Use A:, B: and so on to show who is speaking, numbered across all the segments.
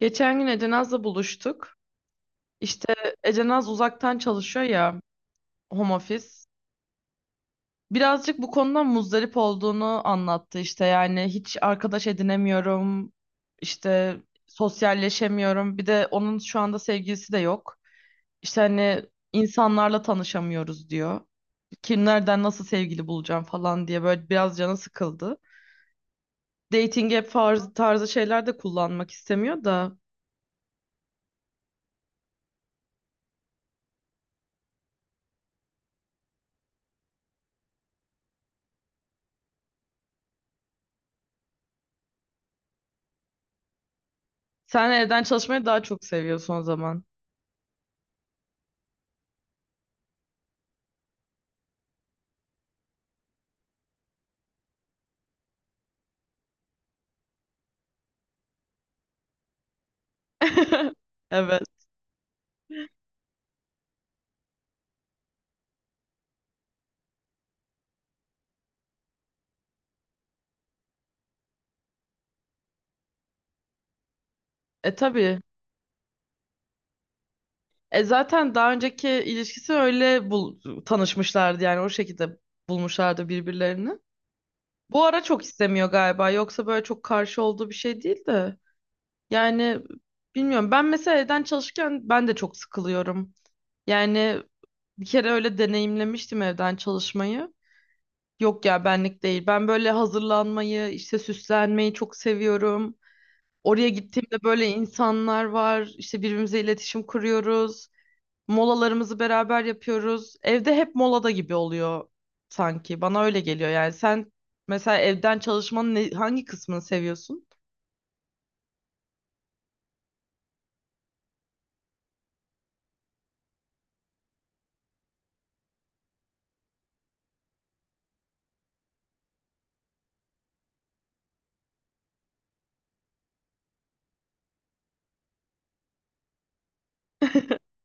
A: Geçen gün Ecenaz'la buluştuk. İşte Ecenaz uzaktan çalışıyor ya home office. Birazcık bu konudan muzdarip olduğunu anlattı işte yani hiç arkadaş edinemiyorum, işte sosyalleşemiyorum. Bir de onun şu anda sevgilisi de yok. İşte hani insanlarla tanışamıyoruz diyor. Kimlerden nasıl sevgili bulacağım falan diye böyle biraz canı sıkıldı. Dating app tarzı şeyler de kullanmak istemiyor da sen evden çalışmayı daha çok seviyorsun o zaman. Evet. E tabii. E zaten daha önceki ilişkisi öyle bul tanışmışlardı yani o şekilde bulmuşlardı birbirlerini. Bu ara çok istemiyor galiba. Yoksa böyle çok karşı olduğu bir şey değil de. Yani bilmiyorum. Ben mesela evden çalışırken ben de çok sıkılıyorum. Yani bir kere öyle deneyimlemiştim evden çalışmayı. Yok ya benlik değil. Ben böyle hazırlanmayı, işte süslenmeyi çok seviyorum. Oraya gittiğimde böyle insanlar var. İşte birbirimize iletişim kuruyoruz. Molalarımızı beraber yapıyoruz. Evde hep molada gibi oluyor sanki. Bana öyle geliyor. Yani sen mesela evden çalışmanın hangi kısmını seviyorsun?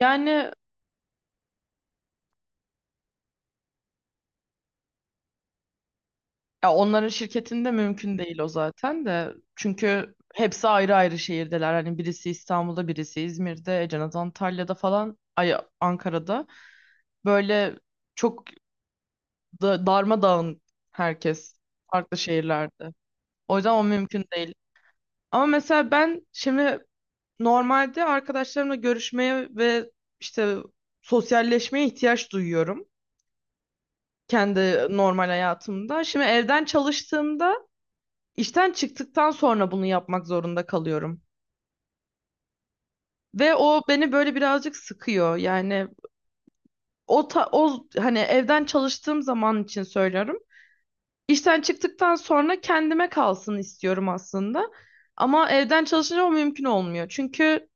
A: Yani ya onların şirketinde mümkün değil o zaten de. Çünkü hepsi ayrı ayrı şehirdeler. Hani birisi İstanbul'da, birisi İzmir'de, Cenaz Antalya'da falan, ay Ankara'da. Böyle çok da, darmadağın herkes farklı şehirlerde. O yüzden o mümkün değil. Ama mesela ben şimdi normalde arkadaşlarımla görüşmeye ve işte sosyalleşmeye ihtiyaç duyuyorum kendi normal hayatımda. Şimdi evden çalıştığımda işten çıktıktan sonra bunu yapmak zorunda kalıyorum. Ve o beni böyle birazcık sıkıyor. Yani o hani evden çalıştığım zaman için söylüyorum. İşten çıktıktan sonra kendime kalsın istiyorum aslında. Ama evden çalışınca o mümkün olmuyor. Çünkü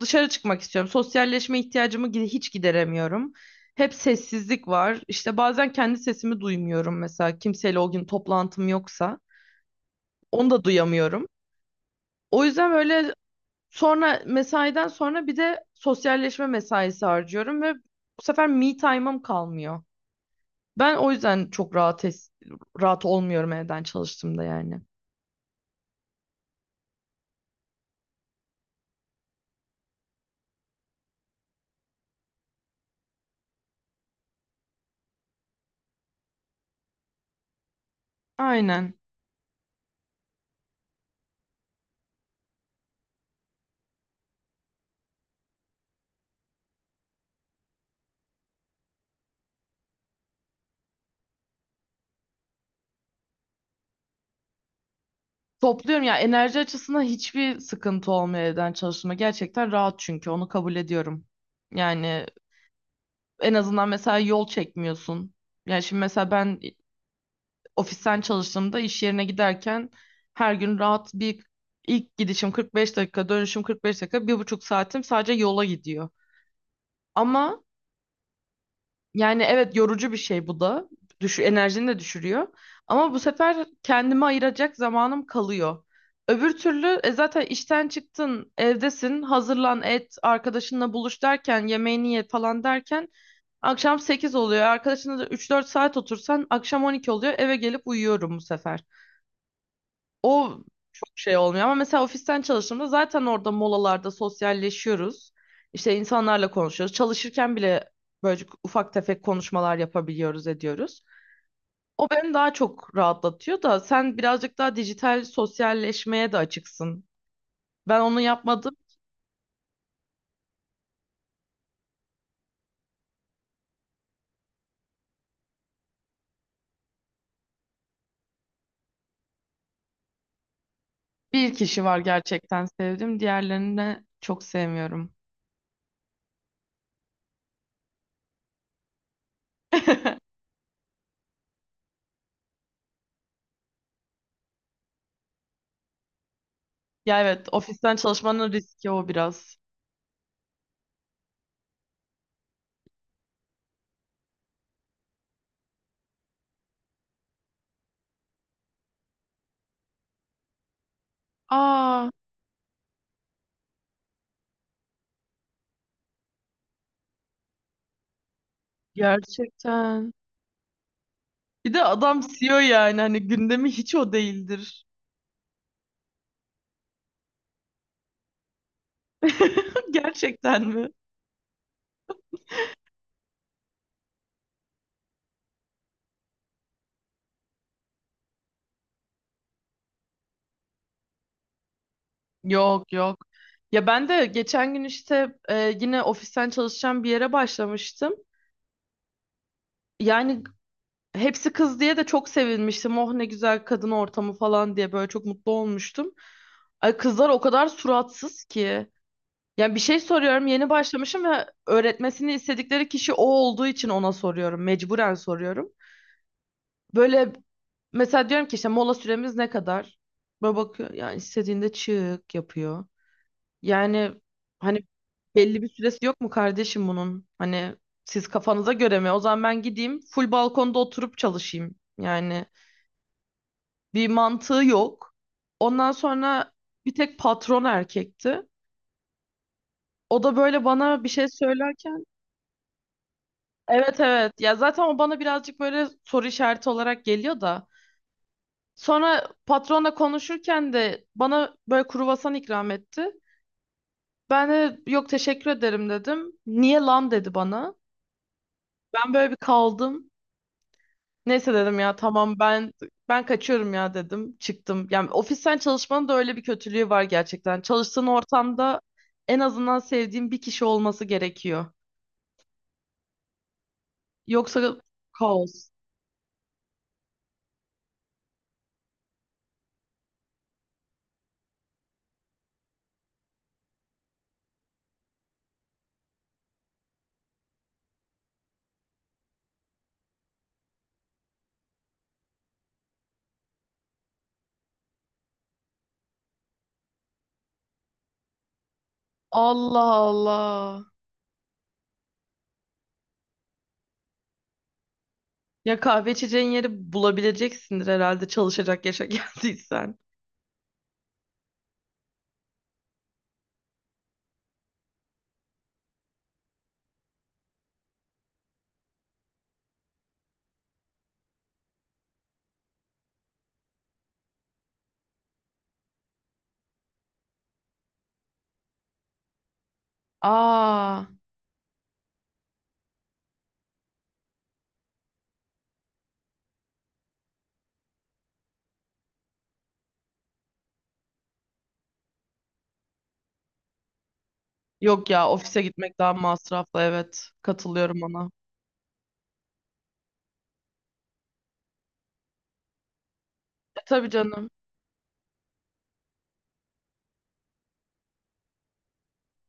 A: dışarı çıkmak istiyorum. Sosyalleşme ihtiyacımı hiç gideremiyorum. Hep sessizlik var. İşte bazen kendi sesimi duymuyorum mesela. Kimseyle o gün toplantım yoksa. Onu da duyamıyorum. O yüzden böyle sonra mesaiden sonra bir de sosyalleşme mesaisi harcıyorum ve bu sefer me time'ım kalmıyor. Ben o yüzden çok rahat rahat olmuyorum evden çalıştığımda yani. Aynen. Topluyorum ya enerji açısından hiçbir sıkıntı olmuyor evden çalışma. Gerçekten rahat çünkü onu kabul ediyorum. Yani en azından mesela yol çekmiyorsun. Yani şimdi mesela ben ofisten çalıştığımda iş yerine giderken her gün rahat bir ilk gidişim 45 dakika, dönüşüm 45 dakika, 1,5 saatim sadece yola gidiyor. Ama yani evet yorucu bir şey bu da. Düş enerjini de düşürüyor. Ama bu sefer kendime ayıracak zamanım kalıyor. Öbür türlü zaten işten çıktın, evdesin, hazırlan et, arkadaşınla buluş derken, yemeğini ye falan derken akşam 8 oluyor. Arkadaşınla da 3-4 saat otursan akşam 12 oluyor. Eve gelip uyuyorum bu sefer. O çok şey olmuyor ama mesela ofisten çalıştığımda zaten orada molalarda sosyalleşiyoruz. İşte insanlarla konuşuyoruz. Çalışırken bile böyle ufak tefek konuşmalar yapabiliyoruz, ediyoruz. O beni daha çok rahatlatıyor da sen birazcık daha dijital sosyalleşmeye de açıksın. Ben onu yapmadım. Bir kişi var gerçekten sevdim. Diğerlerini de çok sevmiyorum. Ya evet, ofisten çalışmanın riski o biraz. Aa, gerçekten. Bir de adam CEO yani hani gündemi hiç o değildir. Gerçekten mi? Yok yok. Ya ben de geçen gün işte yine ofisten çalışacağım bir yere başlamıştım. Yani hepsi kız diye de çok sevinmiştim. Oh ne güzel kadın ortamı falan diye böyle çok mutlu olmuştum. Ay kızlar o kadar suratsız ki. Yani bir şey soruyorum yeni başlamışım ve öğretmesini istedikleri kişi o olduğu için ona soruyorum. Mecburen soruyorum. Böyle mesela diyorum ki işte mola süremiz ne kadar? Böyle bakıyor yani istediğinde çık yapıyor. Yani hani belli bir süresi yok mu kardeşim bunun? Hani siz kafanıza göre mi? O zaman ben gideyim full balkonda oturup çalışayım. Yani bir mantığı yok. Ondan sonra bir tek patron erkekti. O da böyle bana bir şey söylerken evet evet ya zaten o bana birazcık böyle soru işareti olarak geliyor da. Sonra patronla konuşurken de bana böyle kruvasan ikram etti. Ben de yok teşekkür ederim dedim. Niye lan dedi bana. Ben böyle bir kaldım. Neyse dedim ya tamam ben ben kaçıyorum ya dedim. Çıktım. Yani ofisten çalışmanın da öyle bir kötülüğü var gerçekten. Çalıştığın ortamda en azından sevdiğin bir kişi olması gerekiyor. Yoksa kaos. Allah Allah. Ya kahve içeceğin yeri bulabileceksindir herhalde çalışacak yaşa geldiysen. Aa, yok ya ofise gitmek daha masraflı evet. Katılıyorum ona. E, tabii canım.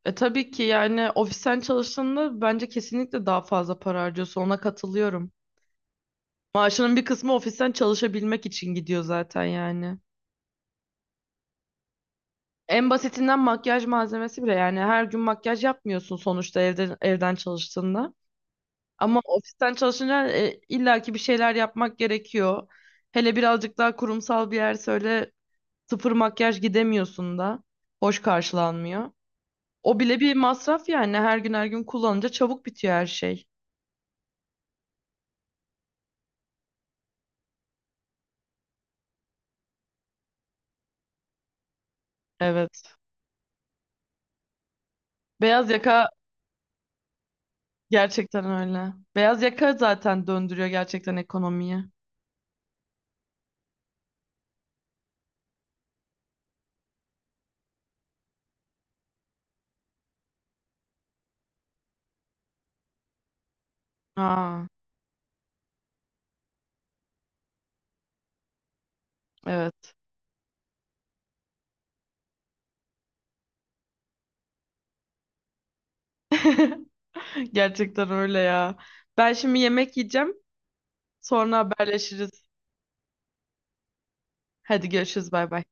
A: E tabii ki yani ofisten çalıştığında bence kesinlikle daha fazla para harcıyorsun. Ona katılıyorum. Maaşının bir kısmı ofisten çalışabilmek için gidiyor zaten yani. En basitinden makyaj malzemesi bile yani her gün makyaj yapmıyorsun sonuçta evden çalıştığında. Ama ofisten çalışınca illaki bir şeyler yapmak gerekiyor. Hele birazcık daha kurumsal bir yer söyle sıfır makyaj gidemiyorsun da. Hoş karşılanmıyor. O bile bir masraf yani her gün her gün kullanınca çabuk bitiyor her şey. Evet. Beyaz yaka gerçekten öyle. Beyaz yaka zaten döndürüyor gerçekten ekonomiyi. Aa, evet. Gerçekten öyle ya. Ben şimdi yemek yiyeceğim. Sonra haberleşiriz. Hadi görüşürüz. Bay bay.